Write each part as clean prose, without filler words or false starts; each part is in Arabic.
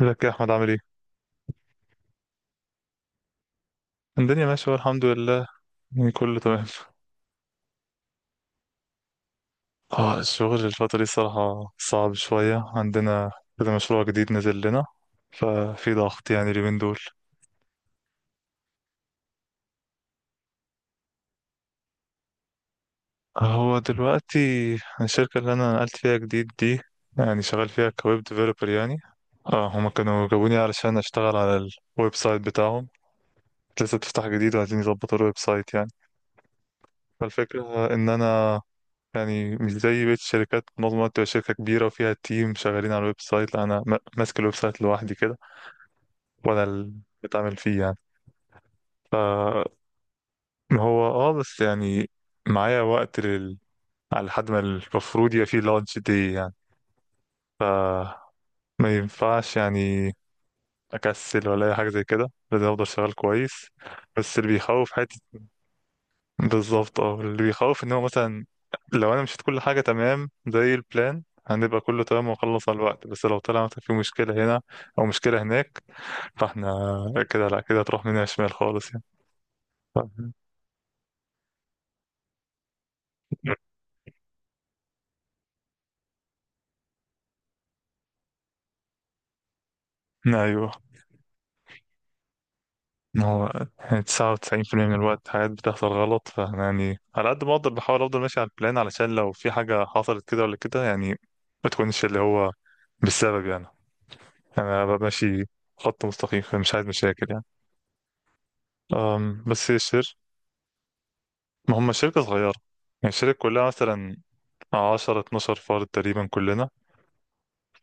ازيك يا احمد، عامل ايه؟ الدنيا ماشيه والله، الحمد لله. يعني كله تمام. اه، الشغل الفتره دي صراحه صعب شويه عندنا كده. مشروع جديد نزل لنا، ففي ضغط يعني اليومين دول. هو دلوقتي الشركه اللي انا نقلت فيها جديد دي، يعني شغال فيها كويب ديفلوبر يعني. اه، هما كانوا جابوني علشان اشتغل على الويب سايت بتاعهم. لسه بتفتح جديد وعايزين يظبطوا الويب سايت يعني. فالفكره ان انا يعني مش زي بقية الشركات منظمة تبقى شركة كبيرة وفيها تيم شغالين على الويب سايت. لا، أنا ماسك الويب سايت لوحدي كده. وأنا اللي بتعمل فيه يعني. ف هو بس يعني معايا وقت على لحد ما المفروض يبقى فيه لانش دي يعني. ف ما ينفعش يعني أكسل ولا أي حاجة زي كده، لازم أفضل شغال كويس. بس اللي بيخوف حتة، بالظبط، اللي بيخوف ان هو مثلا لو انا مشيت كل حاجه تمام زي البلان هنبقى كله تمام ونخلص على الوقت. بس لو طلع مثلا في مشكله هنا او مشكله هناك، فاحنا كده لا كده هتروح مننا شمال خالص يعني. ف- ايوه. ما هو يعني 99% من الوقت حاجات بتحصل غلط. فاحنا يعني على قد ما اقدر بحاول افضل ماشي على البلان، علشان لو في حاجه حصلت كده ولا كده يعني ما تكونش اللي هو بالسبب يعني. انا ببقى ماشي خط مستقيم، فمش عايز مشاكل يعني. بس هي الشركة، ما هم شركة صغيرة. يعني الشركة كلها مثلا عشرة اتناشر فرد تقريبا كلنا.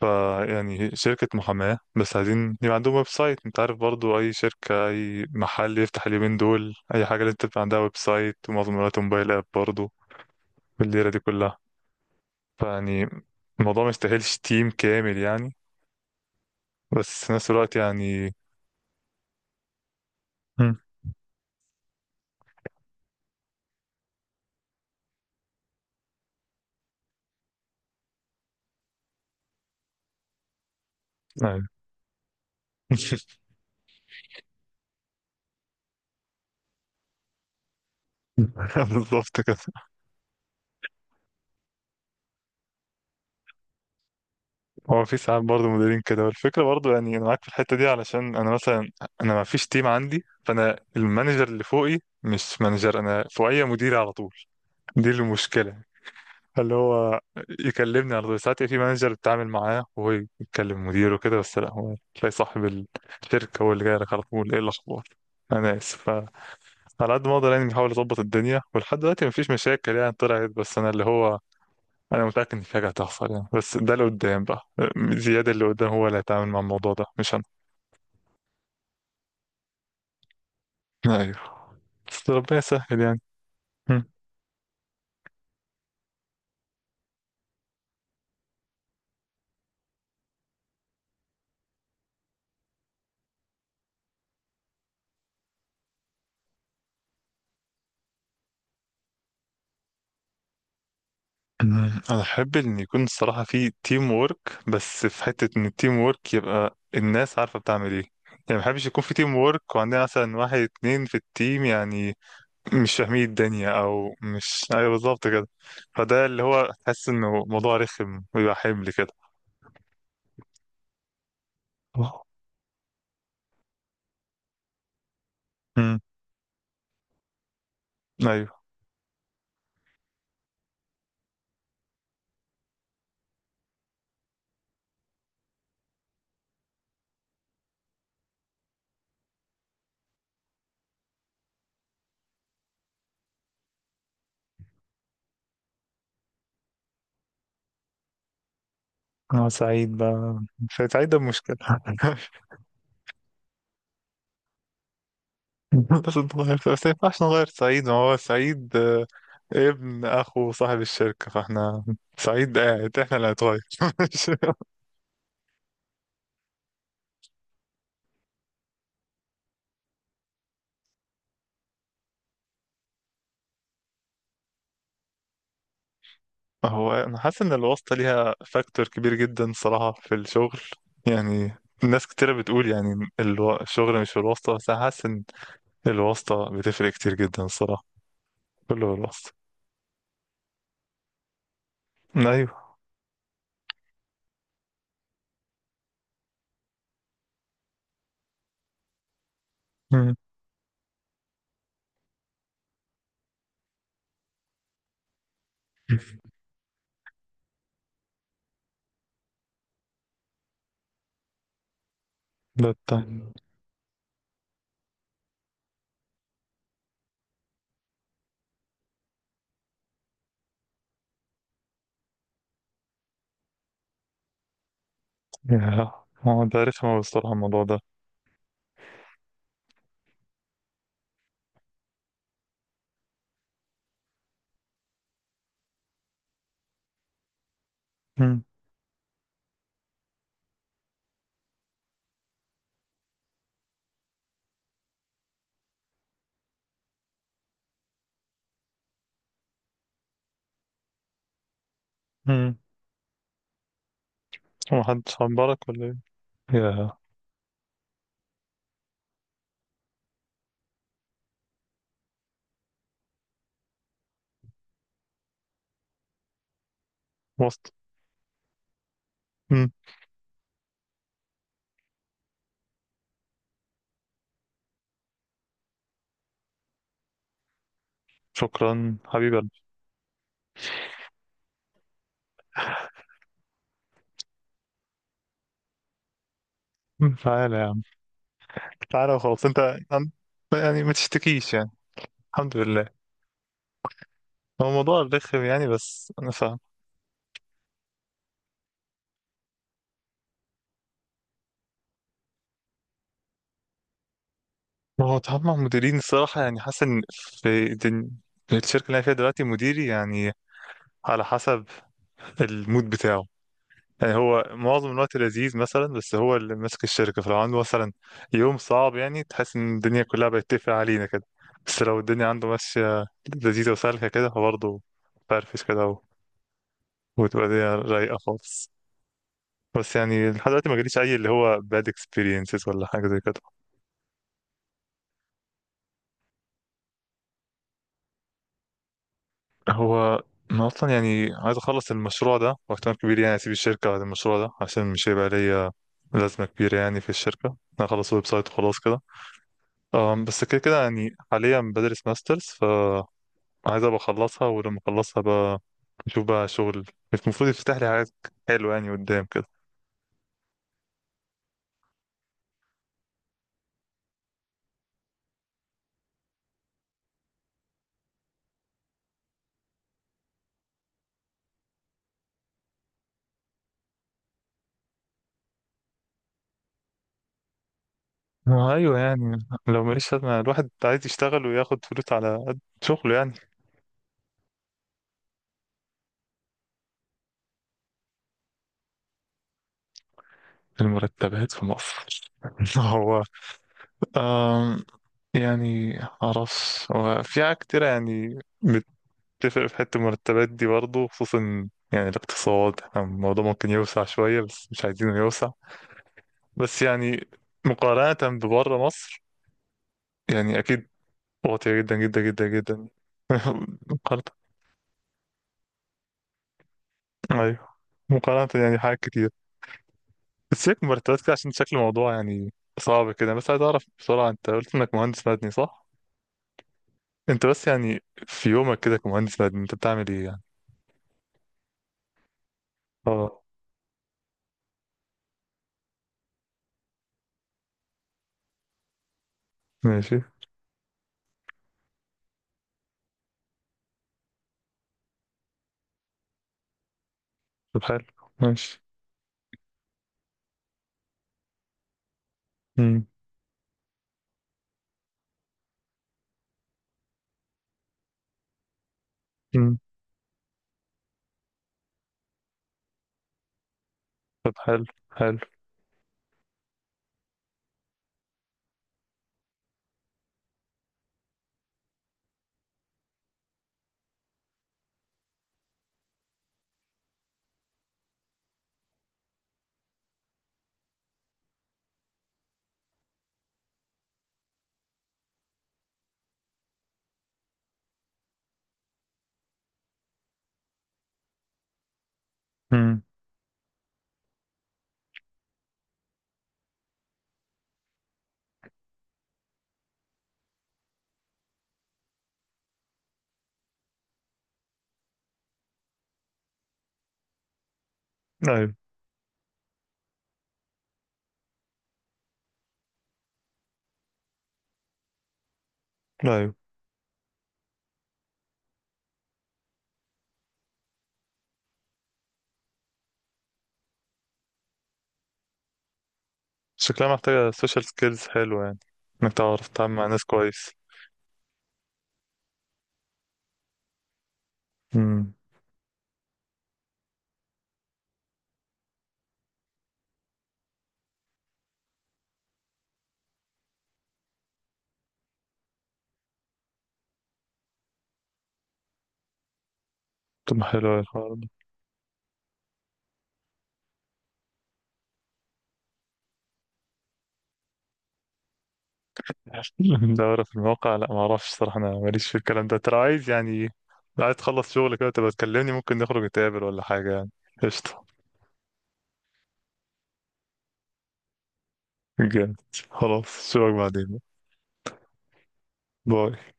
فيعني شركة محاماة، بس عايزين يبقى عندهم ويب سايت. انت عارف برضو، أي شركة أي محل يفتح اليومين دول أي حاجة لازم تبقى عندها ويب سايت ومعظم الوقت موبايل آب برضو بالليلة دي كلها. فيعني الموضوع ما يستاهلش تيم كامل يعني. بس في نفس الوقت يعني. مم. أيوة. بالظبط كده. هو في ساعات برضه مديرين كده، والفكرة برضه يعني أنا معاك في الحتة دي. علشان أنا مثلا أنا ما فيش تيم عندي، فأنا المانجر اللي فوقي مش مانجر، أنا فوقي مديري على طول. دي المشكلة. اللي هو يكلمني على طول. ساعات في مانجر بتعامل معاه وهو يتكلم مديره وكده، بس لا، هو تلاقي صاحب الشركة هو اللي جاي لك على طول، إيه الأخبار؟ أنا آسف. فعلى قد ما أقدر يعني بحاول أظبط الدنيا، ولحد دلوقتي مفيش مشاكل يعني طلعت. بس أنا اللي هو انا متاكد ان في حاجه هتحصل يعني، بس ده اللي قدام بقى. زياد اللي قدام هو اللي هيتعامل مع الموضوع ده مش انا. ايوه، بس ربنا يسهل يعني. مم. مم. انا احب ان يكون الصراحه في تيم وورك. بس في حته ان التيم وورك يبقى الناس عارفه بتعمل ايه يعني. ما بحبش يكون في تيم وورك وعندنا مثلا واحد اتنين في التيم يعني مش فاهمين الدنيا او مش، ايوه بالظبط كده. فده اللي هو حاسس انه موضوع رخم ويبقى حمل كده. أوه. مم. ايوه. انا سعيد بقى مش سعيد، ده مشكلة. لازم نغير. بس ما ينفعش نغير سعيد، ما هو سعيد ابن اخو صاحب الشركة، فاحنا سعيد قاعد، احنا اللي هنتغير. مش- هو انا حاسس ان الواسطة ليها فاكتور كبير جدا صراحة في الشغل يعني. ناس كتيرة بتقول يعني الشغل مش في الواسطة، بس انا حاسس ان الواسطة بتفرق كتير جدا الصراحة. كله الواسطة. ايوه. مم. ده التاني. مم. يا، هو ده رخم أوي الصراحة الموضوع ده. مم. مم. هو محدش عبرك ولا ايه؟ يا. واسطة. شكرا حبيبي. قلبي. تعالى يا عم، تعالى وخلاص انت. عن- يعني ما تشتكيش يعني، الحمد لله. هو الموضوع رخم يعني، بس انا فاهم. هو التعامل مع المديرين الصراحة يعني حاسس ان في الشركة اللي انا فيها دلوقتي مديري يعني على حسب المود بتاعه. يعني هو معظم الوقت لذيذ مثلا، بس هو اللي ماسك الشركة، فلو عنده مثلا يوم صعب يعني تحس ان الدنيا كلها بتتقفل علينا كده. بس لو الدنيا عنده ماشية لذيذة وسالكة كده، فبرضه فرفش كده، وتبقى دي رايقة خالص. بس يعني لحد دلوقتي ما جاليش أي اللي هو bad experiences ولا حاجة زي كده. هو أنا أصلا يعني عايز أخلص المشروع ده، واحتمال كبير يعني أسيب الشركة بعد المشروع ده، عشان مش هيبقى ليا لازمة كبيرة يعني في الشركة. أنا أخلص ويب سايت وخلاص كده. بس كده كده يعني حاليا بدرس ماسترز، فعايز أبقى أخلصها. ولما أخلصها بقى نشوف بقى شغل، المفروض يفتح لي حاجات حلوة يعني قدام كده. ما هو أيوه يعني، لو ماليش لازمة الواحد عايز يشتغل وياخد فلوس على قد شغله يعني. المرتبات في مصر. هو آم، يعني معرفش، هو في حاجات كتيرة يعني بتفرق في حتة المرتبات دي برضه. خصوصا يعني الاقتصاد، احنا الموضوع ممكن يوسع شوية بس مش عايزينه يوسع. بس يعني مقارنة ببره مصر، يعني أكيد واطية جدا جدا جدا جدا. مقارنة. أيوه، مقارنة يعني حاجات كتير. بس هيك مرتبات كده عشان شكل الموضوع يعني صعب كده. بس عايز أعرف بسرعة، أنت قلت إنك مهندس مدني صح؟ انت بس يعني في يومك كده كمهندس مدني انت بتعمل ايه يعني؟ اه. ماشي. طب حلو. ماشي. امم. امم. طب حلو. حلو. امم. ايوه. ايوه. شكلها محتاجة سوشيال سكيلز حلوة يعني، انك تعرف تتعامل مع ناس كويس. امم. طب ما حلو أوي الحوار ده. دورة في المواقع؟ لا، ما اعرفش صراحة، انا ماليش في الكلام ده. ترى عايز يعني، لو عايز تخلص شغل كده تبقى تكلمني، ممكن نخرج نتقابل ولا حاجة يعني. قشطة. جامد. خلاص، اشوفك بعدين. باي.